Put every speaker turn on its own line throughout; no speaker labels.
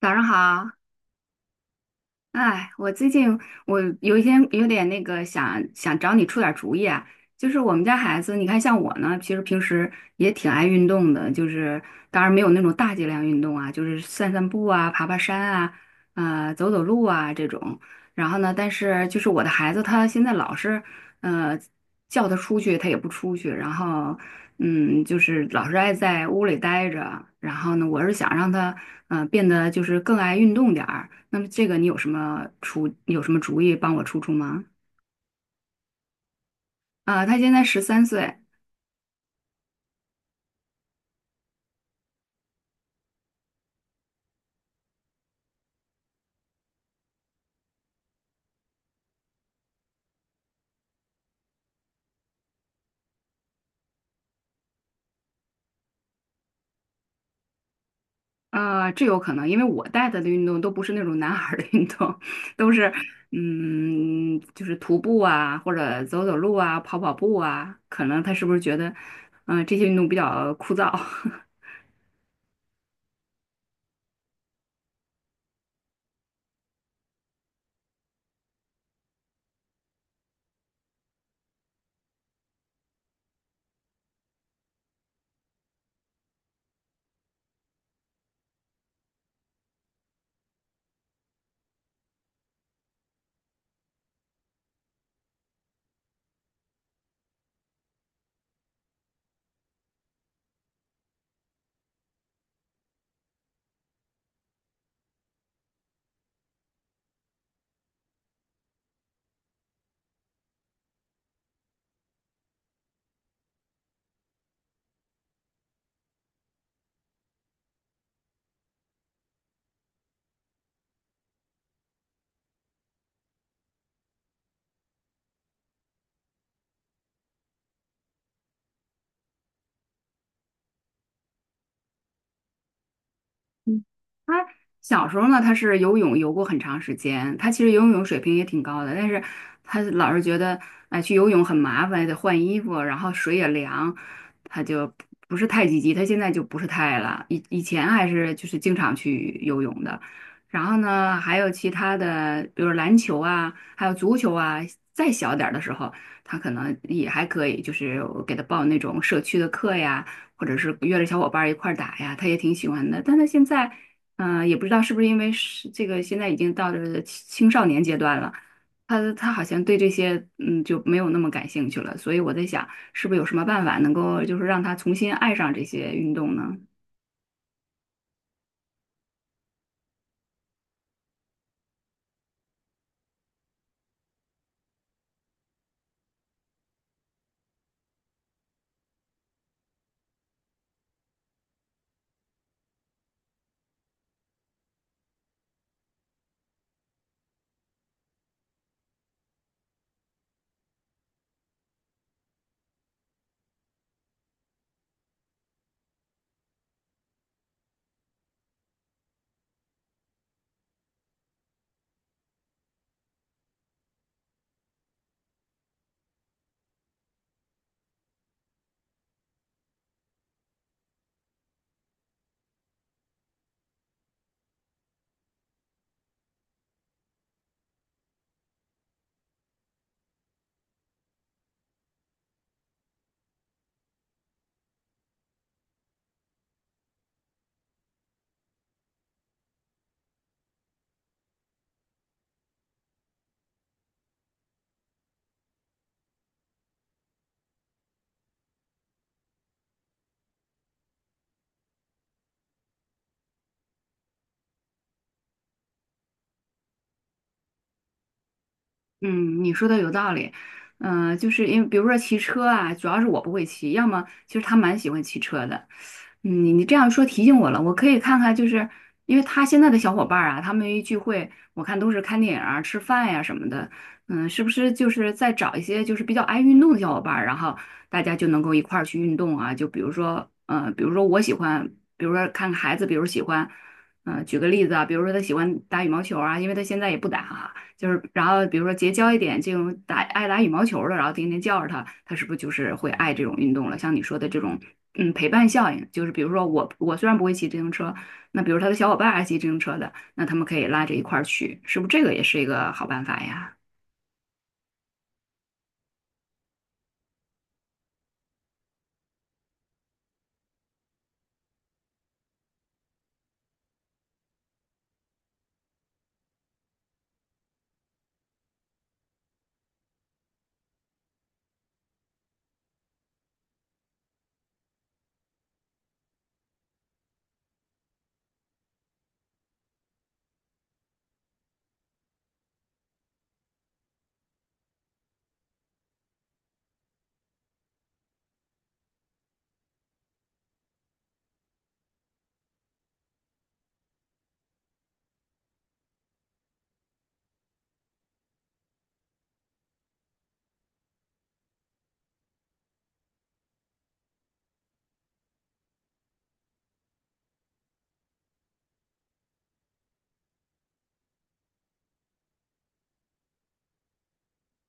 早上好。哎，我最近我有一些有点那个想找你出点主意啊，就是我们家孩子，你看像我呢，其实平时也挺爱运动的，就是当然没有那种大剂量运动啊，就是散散步啊、爬爬山啊、走走路啊这种。然后呢，但是就是我的孩子他现在老是呃叫他出去，他也不出去，然后嗯，就是老是爱在屋里待着。然后呢，我是想让他嗯变得就是更爱运动点儿。那么这个你有什么出有什么主意帮我出出吗？啊、他现在13岁。啊，这有可能，因为我带他的运动都不是那种男孩儿的运动，都是嗯，就是徒步啊，或者走走路啊，跑跑步啊，可能他是不是觉得，嗯、这些运动比较枯燥？嗯，他小时候呢，他是游泳游过很长时间，他其实游泳水平也挺高的，但是他老是觉得，哎，去游泳很麻烦，得换衣服，然后水也凉，他就不是太积极。他现在就不是太了，以前还是就是经常去游泳的。然后呢，还有其他的，比如篮球啊，还有足球啊。再小点儿的时候，他可能也还可以，就是我给他报那种社区的课呀。或者是约着小伙伴一块儿打呀，他也挺喜欢的。但他现在，嗯、也不知道是不是因为是这个现在已经到这青少年阶段了，他好像对这些嗯就没有那么感兴趣了。所以我在想，是不是有什么办法能够就是让他重新爱上这些运动呢？嗯，你说的有道理，嗯、就是因为比如说骑车啊，主要是我不会骑，要么其实他蛮喜欢骑车的，嗯，你这样说提醒我了，我可以看看，就是因为他现在的小伙伴儿啊，他们一聚会，我看都是看电影啊、吃饭呀、什么的，嗯，是不是就是再找一些就是比较爱运动的小伙伴儿然后大家就能够一块儿去运动啊？就比如说，嗯，比如说我喜欢，比如说看看孩子，比如喜欢，嗯、举个例子啊，比如说他喜欢打羽毛球啊，因为他现在也不打啊。就是然后比如说结交一点这种爱打羽毛球的，然后天天叫着他，他是不是就是会爱这种运动了？像你说的这种，嗯，陪伴效应，就是比如说我虽然不会骑自行车，那比如他的小伙伴爱骑自行车的，那他们可以拉着一块儿去，是不是这个也是一个好办法呀？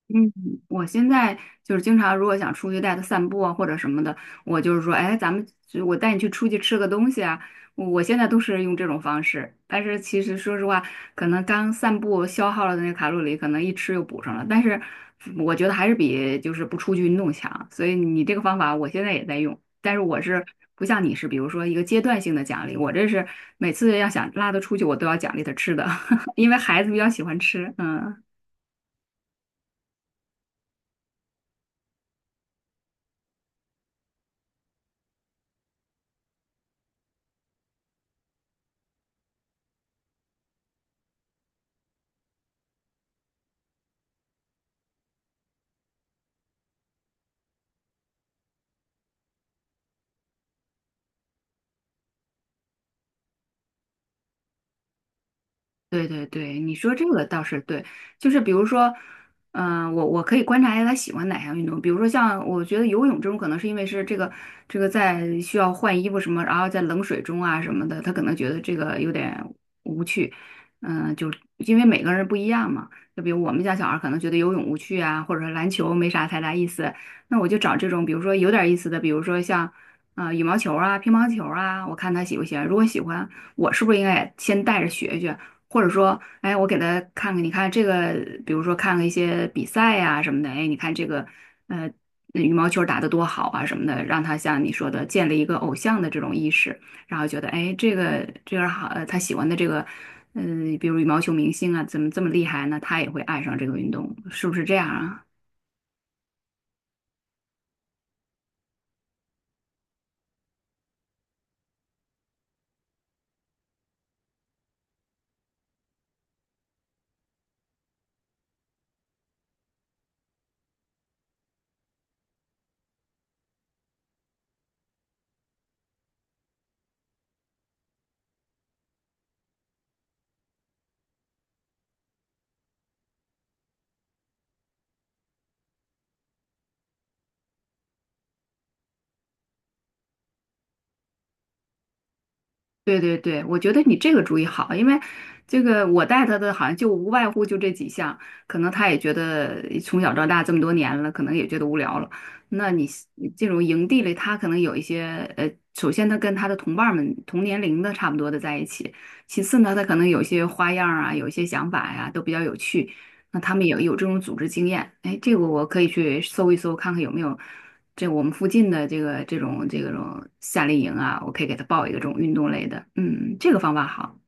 嗯，我现在就是经常，如果想出去带他散步啊，或者什么的，我就是说，哎，咱们就我带你去出去吃个东西啊。我现在都是用这种方式，但是其实说实话，可能刚散步消耗了的那个卡路里，可能一吃又补上了。但是我觉得还是比就是不出去运动强，所以你这个方法我现在也在用，但是我是不像你是，比如说一个阶段性的奖励，我这是每次要想拉他出去，我都要奖励他吃的，因为孩子比较喜欢吃，嗯。对对对，你说这个倒是对，就是比如说，嗯、我可以观察一下他喜欢哪项运动，比如说像我觉得游泳这种，可能是因为是这个在需要换衣服什么，然后在冷水中啊什么的，他可能觉得这个有点无趣，嗯、就因为每个人不一样嘛，就比如我们家小孩可能觉得游泳无趣啊，或者说篮球没啥太大意思，那我就找这种比如说有点意思的，比如说像啊、呃羽毛球啊、乒乓球啊，我看他喜不喜欢，如果喜欢，我是不是应该也先带着学学？或者说，哎，我给他看看，你看这个，比如说看了一些比赛呀、什么的，哎，你看这个，呃，那羽毛球打得多好啊什么的，让他像你说的建立一个偶像的这种意识，然后觉得，哎，这个好，呃，他喜欢的这个，嗯、比如羽毛球明星啊，怎么这么厉害呢？他也会爱上这个运动，是不是这样啊？对对对，我觉得你这个主意好，因为这个我带他的好像就无外乎就这几项，可能他也觉得从小到大这么多年了，可能也觉得无聊了。那你你这种营地里，他可能有一些呃，首先他跟他的同伴儿们同年龄的差不多的在一起，其次呢，他可能有一些花样儿啊，有一些想法呀，都比较有趣。那他们也有这种组织经验，哎，这个我可以去搜一搜，看看有没有这我们附近的这个这种夏令营啊，我可以给他报一个这种运动类的，嗯，这个方法好。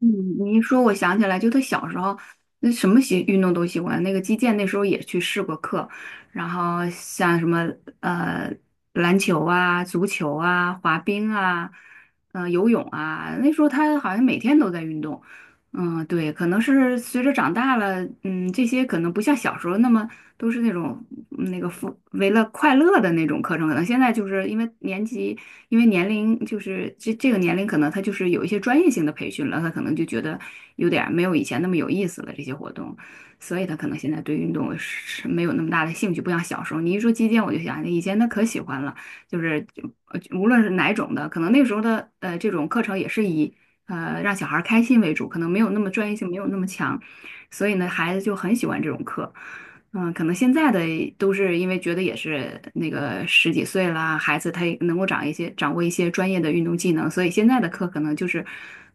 嗯，你一说，我想起来，就他小时候，那什么喜运动都喜欢。那个击剑那时候也去试过课，然后像什么呃篮球啊、足球啊、滑冰啊、呃游泳啊，那时候他好像每天都在运动。嗯，对，可能是随着长大了，嗯，这些可能不像小时候那么都是那种嗯那个富为了快乐的那种课程，可能现在就是因为年级。因为年龄就是这这个年龄，可能他就是有一些专业性的培训了，他可能就觉得有点儿没有以前那么有意思了这些活动，所以他可能现在对运动是没有那么大的兴趣，不像小时候。你一说击剑，我就想以前他可喜欢了，就是呃无论是哪种的，可能那时候的呃这种课程也是以呃让小孩儿开心为主，可能没有那么专业性，没有那么强，所以呢孩子就很喜欢这种课。嗯，可能现在的都是因为觉得也是那个十几岁啦，孩子他也能够掌握一些专业的运动技能，所以现在的课可能就是，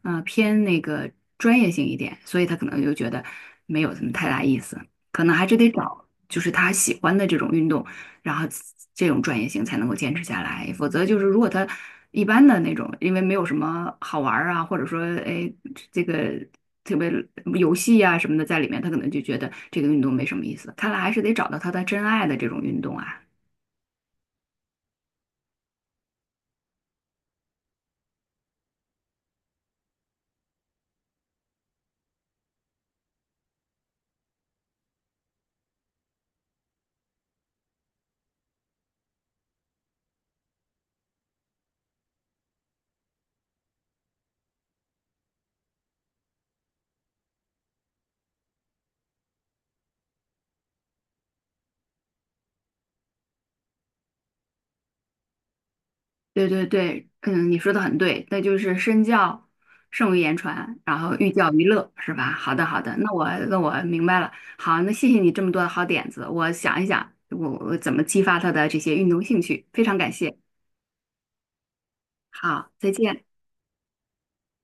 嗯，偏那个专业性一点，所以他可能就觉得没有什么太大意思，可能还是得找就是他喜欢的这种运动，然后这种专业性才能够坚持下来，否则就是如果他一般的那种，因为没有什么好玩儿啊，或者说哎这个。特别游戏呀、什么的在里面，他可能就觉得这个运动没什么意思。看来还是得找到他的真爱的这种运动啊。对对对，嗯，你说的很对，那就是身教胜于言传，然后寓教于乐，是吧？好的好的，那我明白了。好，那谢谢你这么多的好点子，我想一想我怎么激发他的这些运动兴趣，非常感谢。好，再见。